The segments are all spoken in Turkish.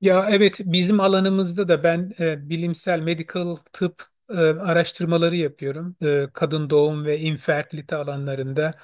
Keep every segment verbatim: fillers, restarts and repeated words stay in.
Ya evet bizim alanımızda da ben e, bilimsel medical tıp e, araştırmaları yapıyorum. E, kadın doğum ve infertilite alanlarında.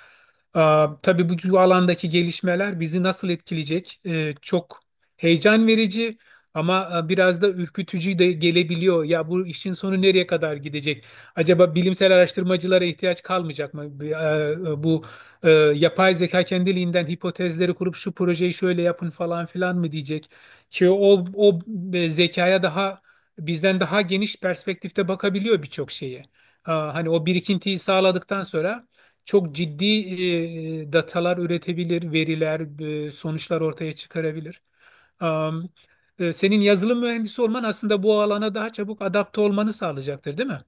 Aa, tabii bu, bu alandaki gelişmeler bizi nasıl etkileyecek? E, çok heyecan verici ama e, biraz da ürkütücü de gelebiliyor. Ya bu işin sonu nereye kadar gidecek? Acaba bilimsel araştırmacılara ihtiyaç kalmayacak mı? Bir, e, Bu e, Yapay zeka kendiliğinden hipotezleri kurup şu projeyi şöyle yapın falan filan mı diyecek? Çünkü o, o e, zekaya daha bizden daha geniş perspektifte bakabiliyor birçok şeye. Aa, Hani o birikintiyi sağladıktan sonra çok ciddi e, datalar üretebilir, veriler, e, sonuçlar ortaya çıkarabilir. Am, e, Senin yazılım mühendisi olman aslında bu alana daha çabuk adapte olmanı sağlayacaktır, değil mi?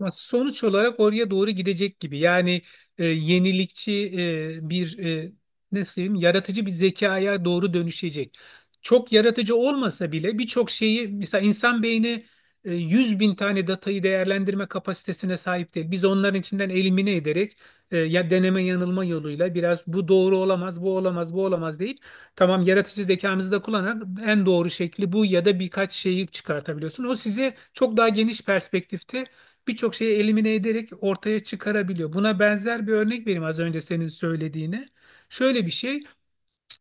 Ama sonuç olarak oraya doğru gidecek gibi. Yani e, yenilikçi e, bir e, nasıl diyeyim, yaratıcı bir zekaya doğru dönüşecek. Çok yaratıcı olmasa bile birçok şeyi mesela insan beyni e, yüz bin tane datayı değerlendirme kapasitesine sahip değil. Biz onların içinden elimine ederek e, ya deneme yanılma yoluyla biraz bu doğru olamaz, bu olamaz, bu olamaz deyip tamam yaratıcı zekamızı da kullanarak en doğru şekli bu ya da birkaç şeyi çıkartabiliyorsun. O sizi çok daha geniş perspektifte birçok şeyi elimine ederek ortaya çıkarabiliyor. Buna benzer bir örnek vereyim az önce senin söylediğine. Şöyle bir şey.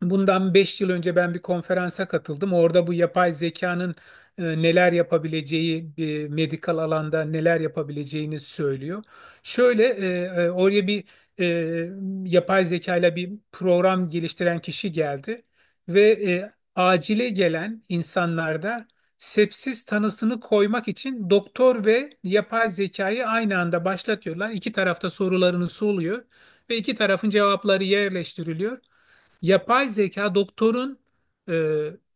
Bundan beş yıl önce ben bir konferansa katıldım. Orada bu yapay zekanın e, neler yapabileceği, e, medikal alanda neler yapabileceğini söylüyor. Şöyle e, e, Oraya bir e, yapay zekayla bir program geliştiren kişi geldi ve e, acile gelen insanlarda sepsis tanısını koymak için doktor ve yapay zekayı aynı anda başlatıyorlar. İki tarafta sorularını soruluyor ve iki tarafın cevapları yerleştiriliyor. Yapay zeka doktorun e,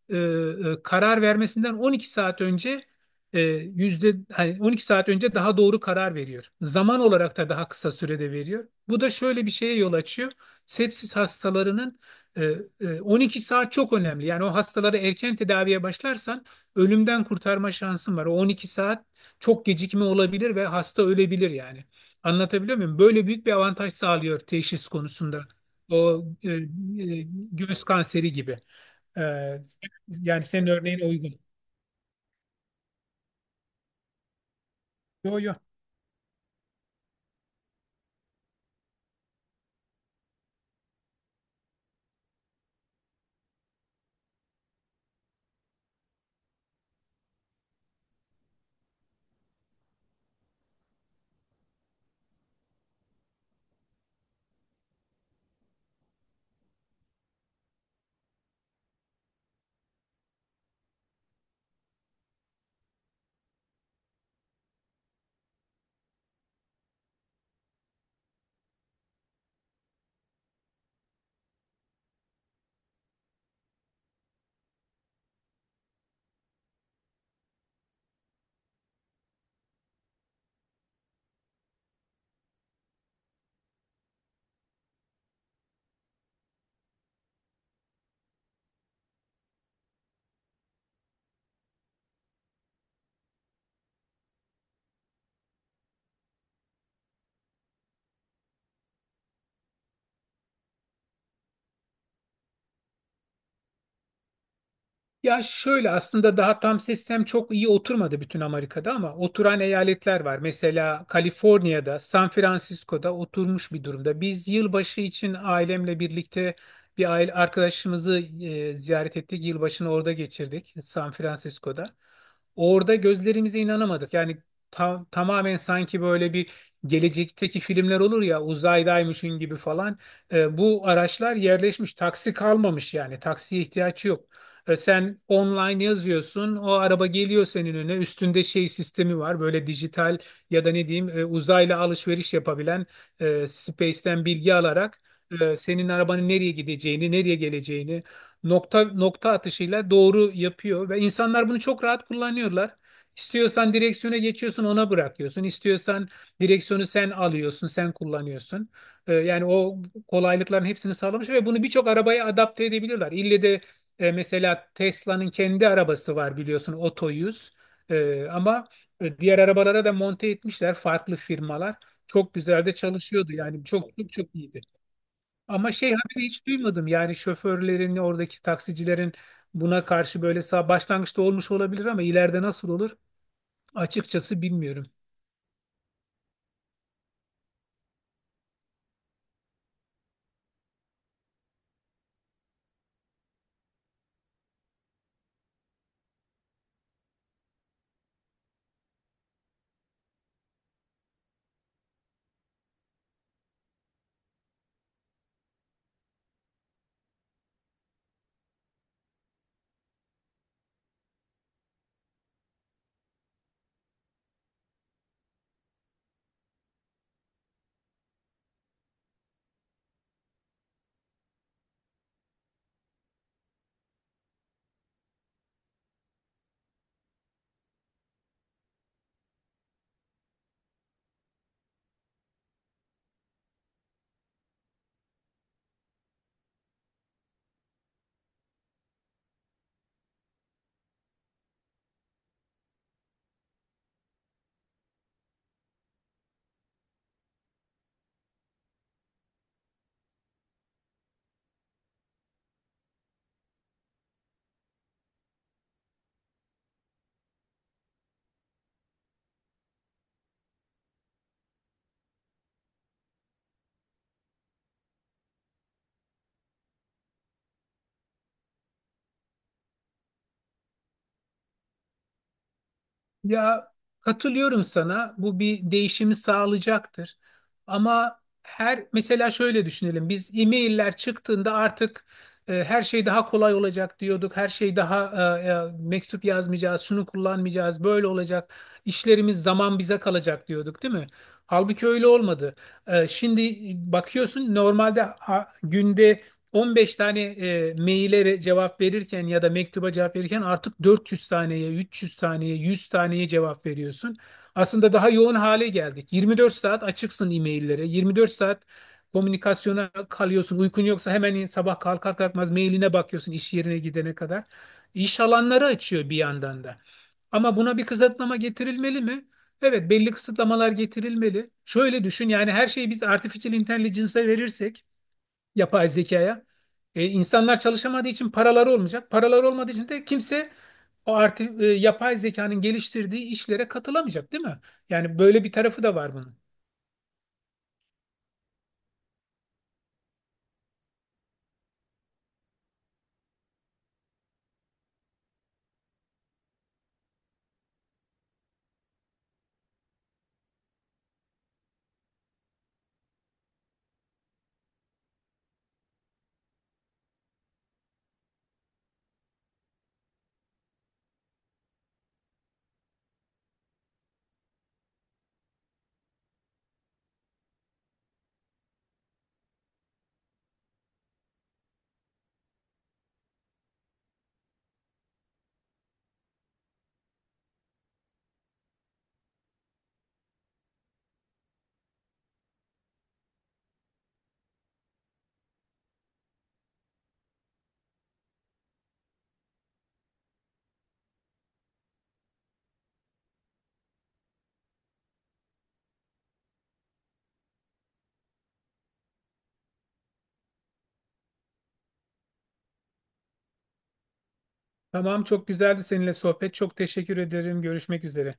e, e, karar vermesinden on iki saat önce e, yüzde hani on iki saat önce daha doğru karar veriyor. Zaman olarak da daha kısa sürede veriyor. Bu da şöyle bir şeye yol açıyor. Sepsis hastalarının e, e, on iki saat çok önemli. Yani o hastaları erken tedaviye başlarsan ölümden kurtarma şansın var. O on iki saat çok gecikme olabilir ve hasta ölebilir yani. Anlatabiliyor muyum? Böyle büyük bir avantaj sağlıyor teşhis konusunda. O e, e, Göğüs kanseri gibi. E, Yani senin örneğin uygun. Yo, yo. Ya şöyle aslında daha tam sistem çok iyi oturmadı bütün Amerika'da ama oturan eyaletler var. Mesela Kaliforniya'da, San Francisco'da oturmuş bir durumda. Biz yılbaşı için ailemle birlikte bir aile arkadaşımızı e, ziyaret ettik. Yılbaşını orada geçirdik, San Francisco'da. Orada gözlerimize inanamadık. Yani tam, tamamen sanki böyle bir gelecekteki filmler olur ya uzaydaymışın gibi falan. E, bu araçlar yerleşmiş, taksi kalmamış yani taksiye ihtiyaç yok. E, Sen online yazıyorsun, o araba geliyor senin önüne. Üstünde şey sistemi var, böyle dijital ya da ne diyeyim e, uzayla alışveriş yapabilen e, Space'ten bilgi alarak e, senin arabanın nereye gideceğini, nereye geleceğini nokta nokta atışıyla doğru yapıyor ve insanlar bunu çok rahat kullanıyorlar. İstiyorsan direksiyona geçiyorsun, ona bırakıyorsun. İstiyorsan direksiyonu sen alıyorsun, sen kullanıyorsun. E, Yani o kolaylıkların hepsini sağlamış ve bunu birçok arabaya adapte edebiliyorlar. İlle de e, mesela Tesla'nın kendi arabası var biliyorsun Otto yüz. E, ama e, Diğer arabalara da monte etmişler farklı firmalar. Çok güzel de çalışıyordu yani çok çok çok iyiydi. Ama şey haberi hiç duymadım yani şoförlerin oradaki taksicilerin buna karşı böyle sağ başlangıçta olmuş olabilir ama ileride nasıl olur açıkçası bilmiyorum. Ya katılıyorum sana. Bu bir değişimi sağlayacaktır. Ama her mesela şöyle düşünelim. Biz e-mailler çıktığında artık e, her şey daha kolay olacak diyorduk. Her şey daha e, e, mektup yazmayacağız, şunu kullanmayacağız, böyle olacak. İşlerimiz zaman bize kalacak diyorduk, değil mi? Halbuki öyle olmadı. E, şimdi bakıyorsun normalde ha- günde on beş tane e, maillere cevap verirken ya da mektuba cevap verirken artık dört yüz taneye, üç yüz taneye, yüz taneye cevap veriyorsun. Aslında daha yoğun hale geldik. yirmi dört saat açıksın e-maillere. yirmi dört saat komünikasyona kalıyorsun. Uykun yoksa hemen sabah kalkar kalkmaz mailine bakıyorsun iş yerine gidene kadar. İş alanları açıyor bir yandan da. Ama buna bir kısıtlama getirilmeli mi? Evet, belli kısıtlamalar getirilmeli. Şöyle düşün yani her şeyi biz artificial intelligence'a verirsek yapay zekaya. E, insanlar çalışamadığı için paraları olmayacak. Paraları olmadığı için de kimse o artık yapay zekanın geliştirdiği işlere katılamayacak, değil mi? Yani böyle bir tarafı da var bunun. Tamam, çok güzeldi seninle sohbet. Çok teşekkür ederim. Görüşmek üzere.